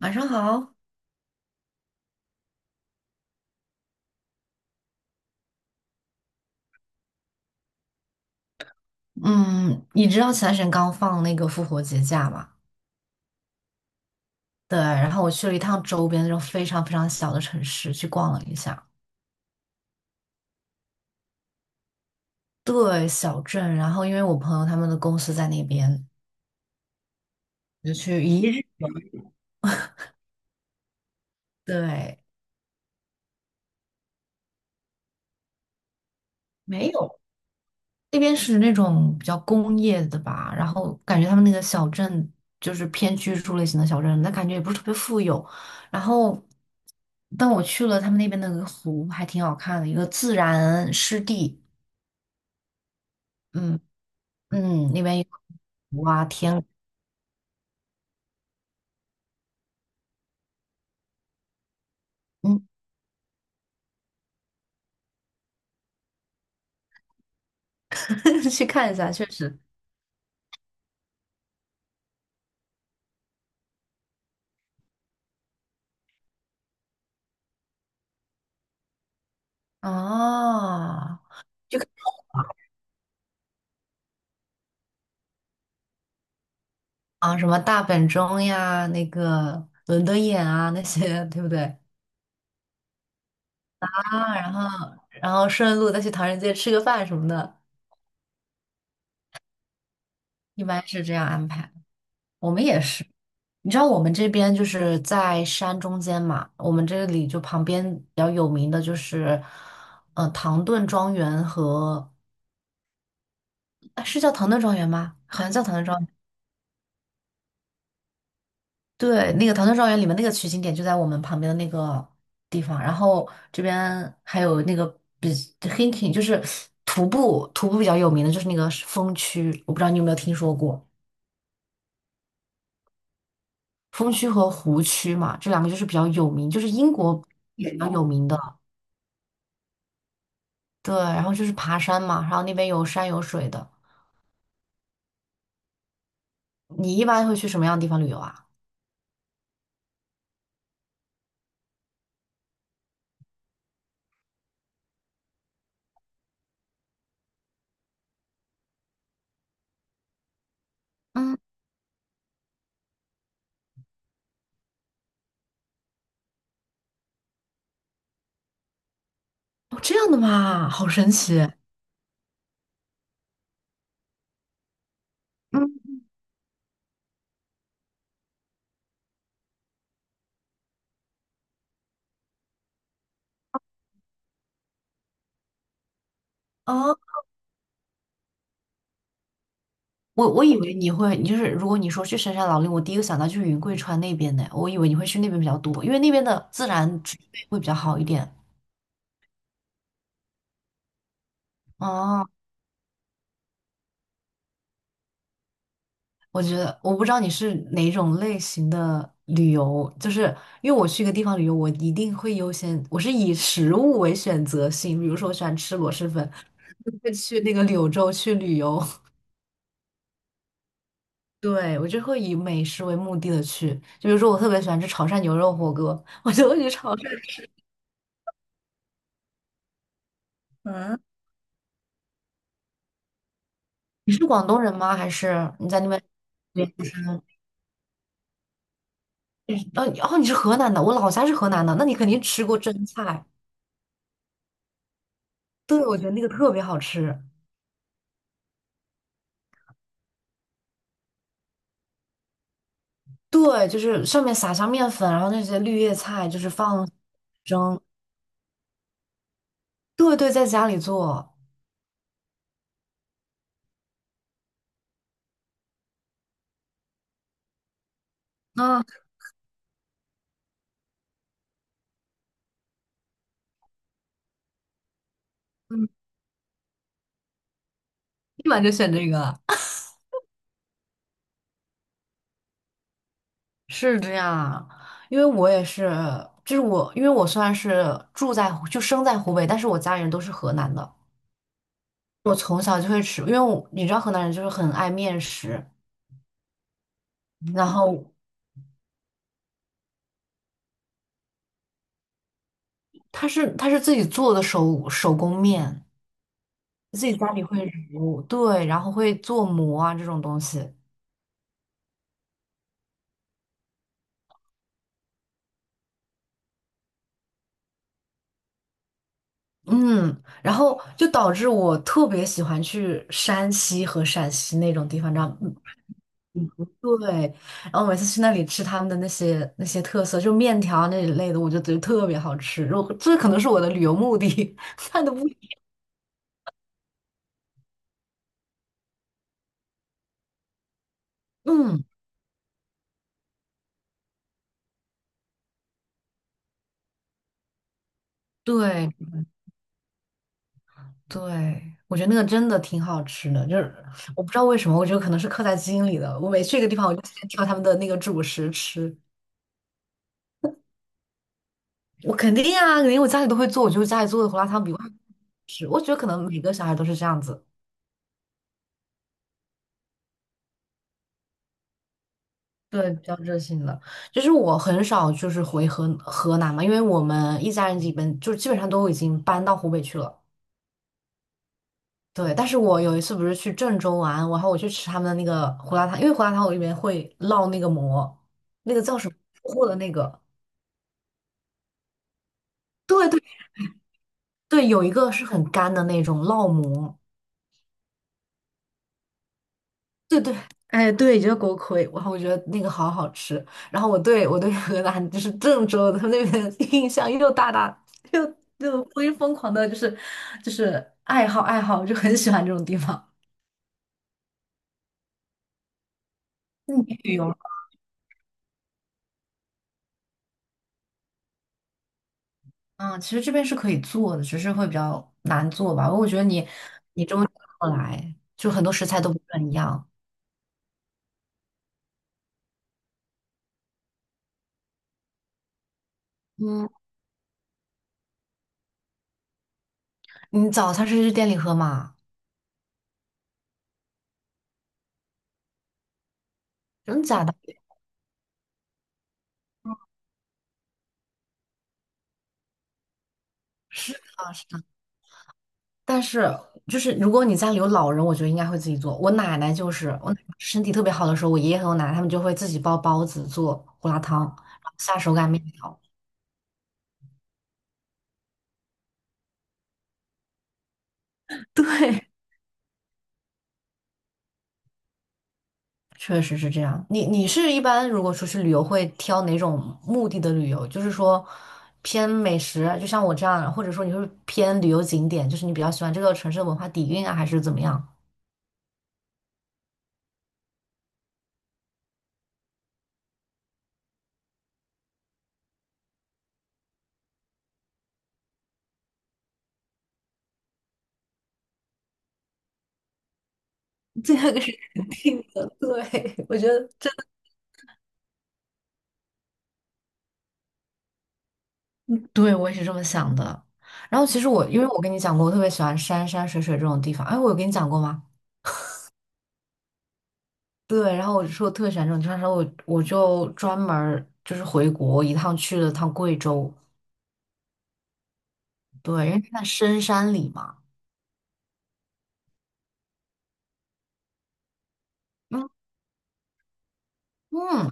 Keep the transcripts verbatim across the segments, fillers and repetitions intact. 晚上好。嗯，你知道前段时间刚放那个复活节假吗？对，然后我去了一趟周边那种非常非常小的城市去逛了一下。对，小镇。然后因为我朋友他们的公司在那边，就去一日。对，没有，那边是那种比较工业的吧，然后感觉他们那个小镇就是偏居住类型的小镇，但感觉也不是特别富有。然后，但我去了他们那边的那个湖，还挺好看的，一个自然湿地。嗯。嗯，那边有哇天鹅。嗯，去看一下，确实。哦，啊，什么大本钟呀，那个伦敦眼啊，那些，对不对？啊，然后然后顺路再去唐人街吃个饭什么的，一般是这样安排。我们也是，你知道我们这边就是在山中间嘛，我们这里就旁边比较有名的就是，呃，唐顿庄园和，啊是叫唐顿庄园吗？好像叫唐顿庄园。对，那个《唐顿庄园》里面那个取景点就在我们旁边的那个地方，然后这边还有那个比 hiking,就是徒步，徒步比较有名的就是那个是峰区，我不知道你有没有听说过峰区和湖区嘛，这两个就是比较有名，就是英国也比较有名的。对，然后就是爬山嘛，然后那边有山有水的。你一般会去什么样的地方旅游啊？嗯，哦这样的嘛，好神奇。嗯，哦。我我以为你会，你就是如果你说去深山老林，我第一个想到就是云贵川那边的，我以为你会去那边比较多，因为那边的自然植被会比较好一点。哦，我觉得我不知道你是哪种类型的旅游，就是因为我去一个地方旅游，我一定会优先，我是以食物为选择性，比如说我喜欢吃螺蛳粉，就会去那个柳州去旅游。对，我就会以美食为目的的去，就比如说我特别喜欢吃潮汕牛肉火锅，我就会去潮汕。嗯，你是广东人吗？还是你在那边？哦，呃，哦，你是河南的，我老家是河南的，那你肯定吃过蒸菜。对，我觉得那个特别好吃。对，就是上面撒上面粉，然后那些绿叶菜就是放蒸。对对，在家里做啊。嗯，立马就选这个啊。是这样，因为我也是，就是我，因为我虽然是住在湖就生在湖北，但是我家里人都是河南的。我从小就会吃，因为我你知道河南人就是很爱面食，然后他是他是自己做的手手工面，自己家里会揉，对，然后会做馍啊这种东西。嗯，然后就导致我特别喜欢去山西和陕西那种地方，你知道吗？嗯对，然后每次去那里吃他们的那些那些特色，就面条啊那一类的，我就觉得特别好吃。我这可能是我的旅游目的，看的不一。嗯，对，对，我觉得那个真的挺好吃的，就是我不知道为什么，我觉得可能是刻在基因里的。我每去一个地方，我就先挑他们的那个主食吃。我肯定啊，肯定我家里都会做，我觉得家里做的胡辣汤比外面吃。我觉得可能每个小孩都是这样子，对，比较热性的。就是我很少就是回河河南嘛，因为我们一家人基本就基本上都已经搬到湖北去了。对，但是我有一次不是去郑州玩，然后我去吃他们的那个胡辣汤，因为胡辣汤我里面会烙那个馍，那个叫什么破的那个。对对对，有一个是很干的那种烙馍，对对，哎对，就是锅盔，然后我觉得那个好好吃。然后我对我对 河南就是郑州他们那边的印象又大大又又疯疯狂的，就是就是爱好爱好，就很喜欢这种地方。你旅游，嗯，其实这边是可以做的，只是会比较难做吧。我觉得你你这么过来，就很多食材都不是很一样。嗯，你早餐是去店里喝吗？真的假的？是的，是的。但是就是如果你家里有老人，我觉得应该会自己做。我奶奶就是我奶奶身体特别好的时候，我爷爷和我奶奶他们就会自己包包子、做胡辣汤，然后下手擀面条。对，确实是这样。你你是一般如果出去旅游会挑哪种目的的旅游？就是说偏美食，就像我这样，或者说你会偏旅游景点，就是你比较喜欢这个城市的文化底蕴啊，还是怎么样？这个是肯定的。对，我觉得。这。对，我也是这么想的。然后其实我，因为我跟你讲过，我特别喜欢山山水水这种地方。哎，我有跟你讲过吗？对，然后我就说我特别喜欢这种地方，然后我我就专门儿就是回国一趟去了趟贵州，对，因为它在深山里嘛。嗯嗯，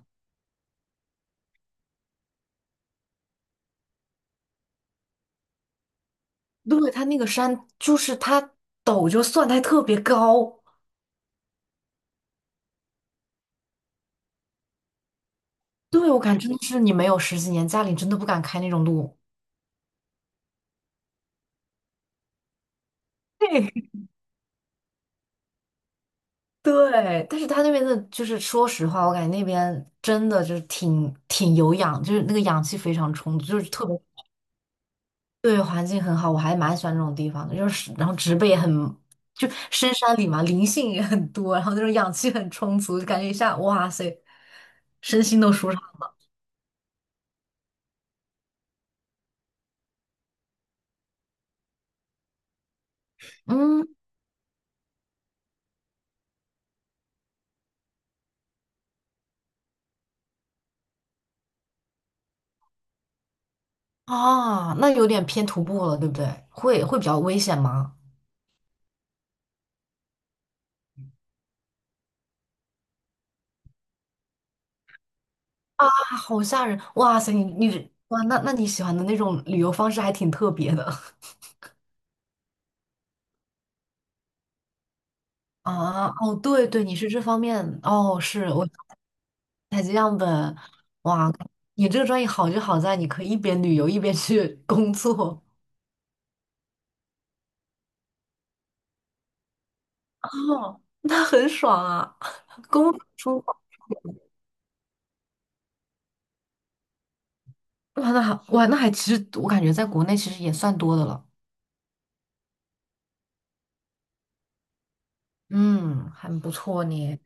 对，它那个山就是它陡就算，它还特别高。对，我感觉真的是你没有十几年，家里真的不敢开那种路。嘿对，但是他那边的，就是说实话，我感觉那边真的就是挺挺有氧，就是那个氧气非常充足，就是特别对环境很好，我还蛮喜欢这种地方的。就是然后植被也很，就深山里嘛，灵性也很多，然后那种氧气很充足，就感觉一下哇塞，身心都舒畅。嗯啊，那有点偏徒步了，对不对？会会比较危险吗？啊，好吓人！哇塞，你你哇，那那你喜欢的那种旅游方式还挺特别的。啊，哦，对对，你是这方面，哦，是我采集样本，哇，你这个专业好就好在你可以一边旅游一边去工作。哦，那很爽啊。工作舒服哇，那还哇，那还其实我感觉在国内其实也算多的了。嗯，很不错呢。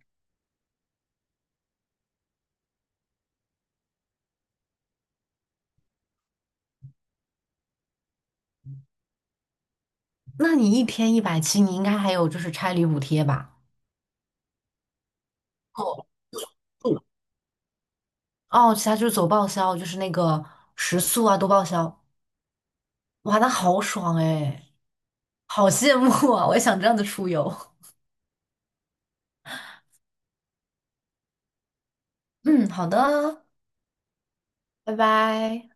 那你一天一百七，你应该还有就是差旅补贴吧？哦，不哦，其他就是走报销，就是那个食宿啊都报销，哇，那好爽哎。好羡慕啊！我也想这样子出游。嗯，好的，拜拜。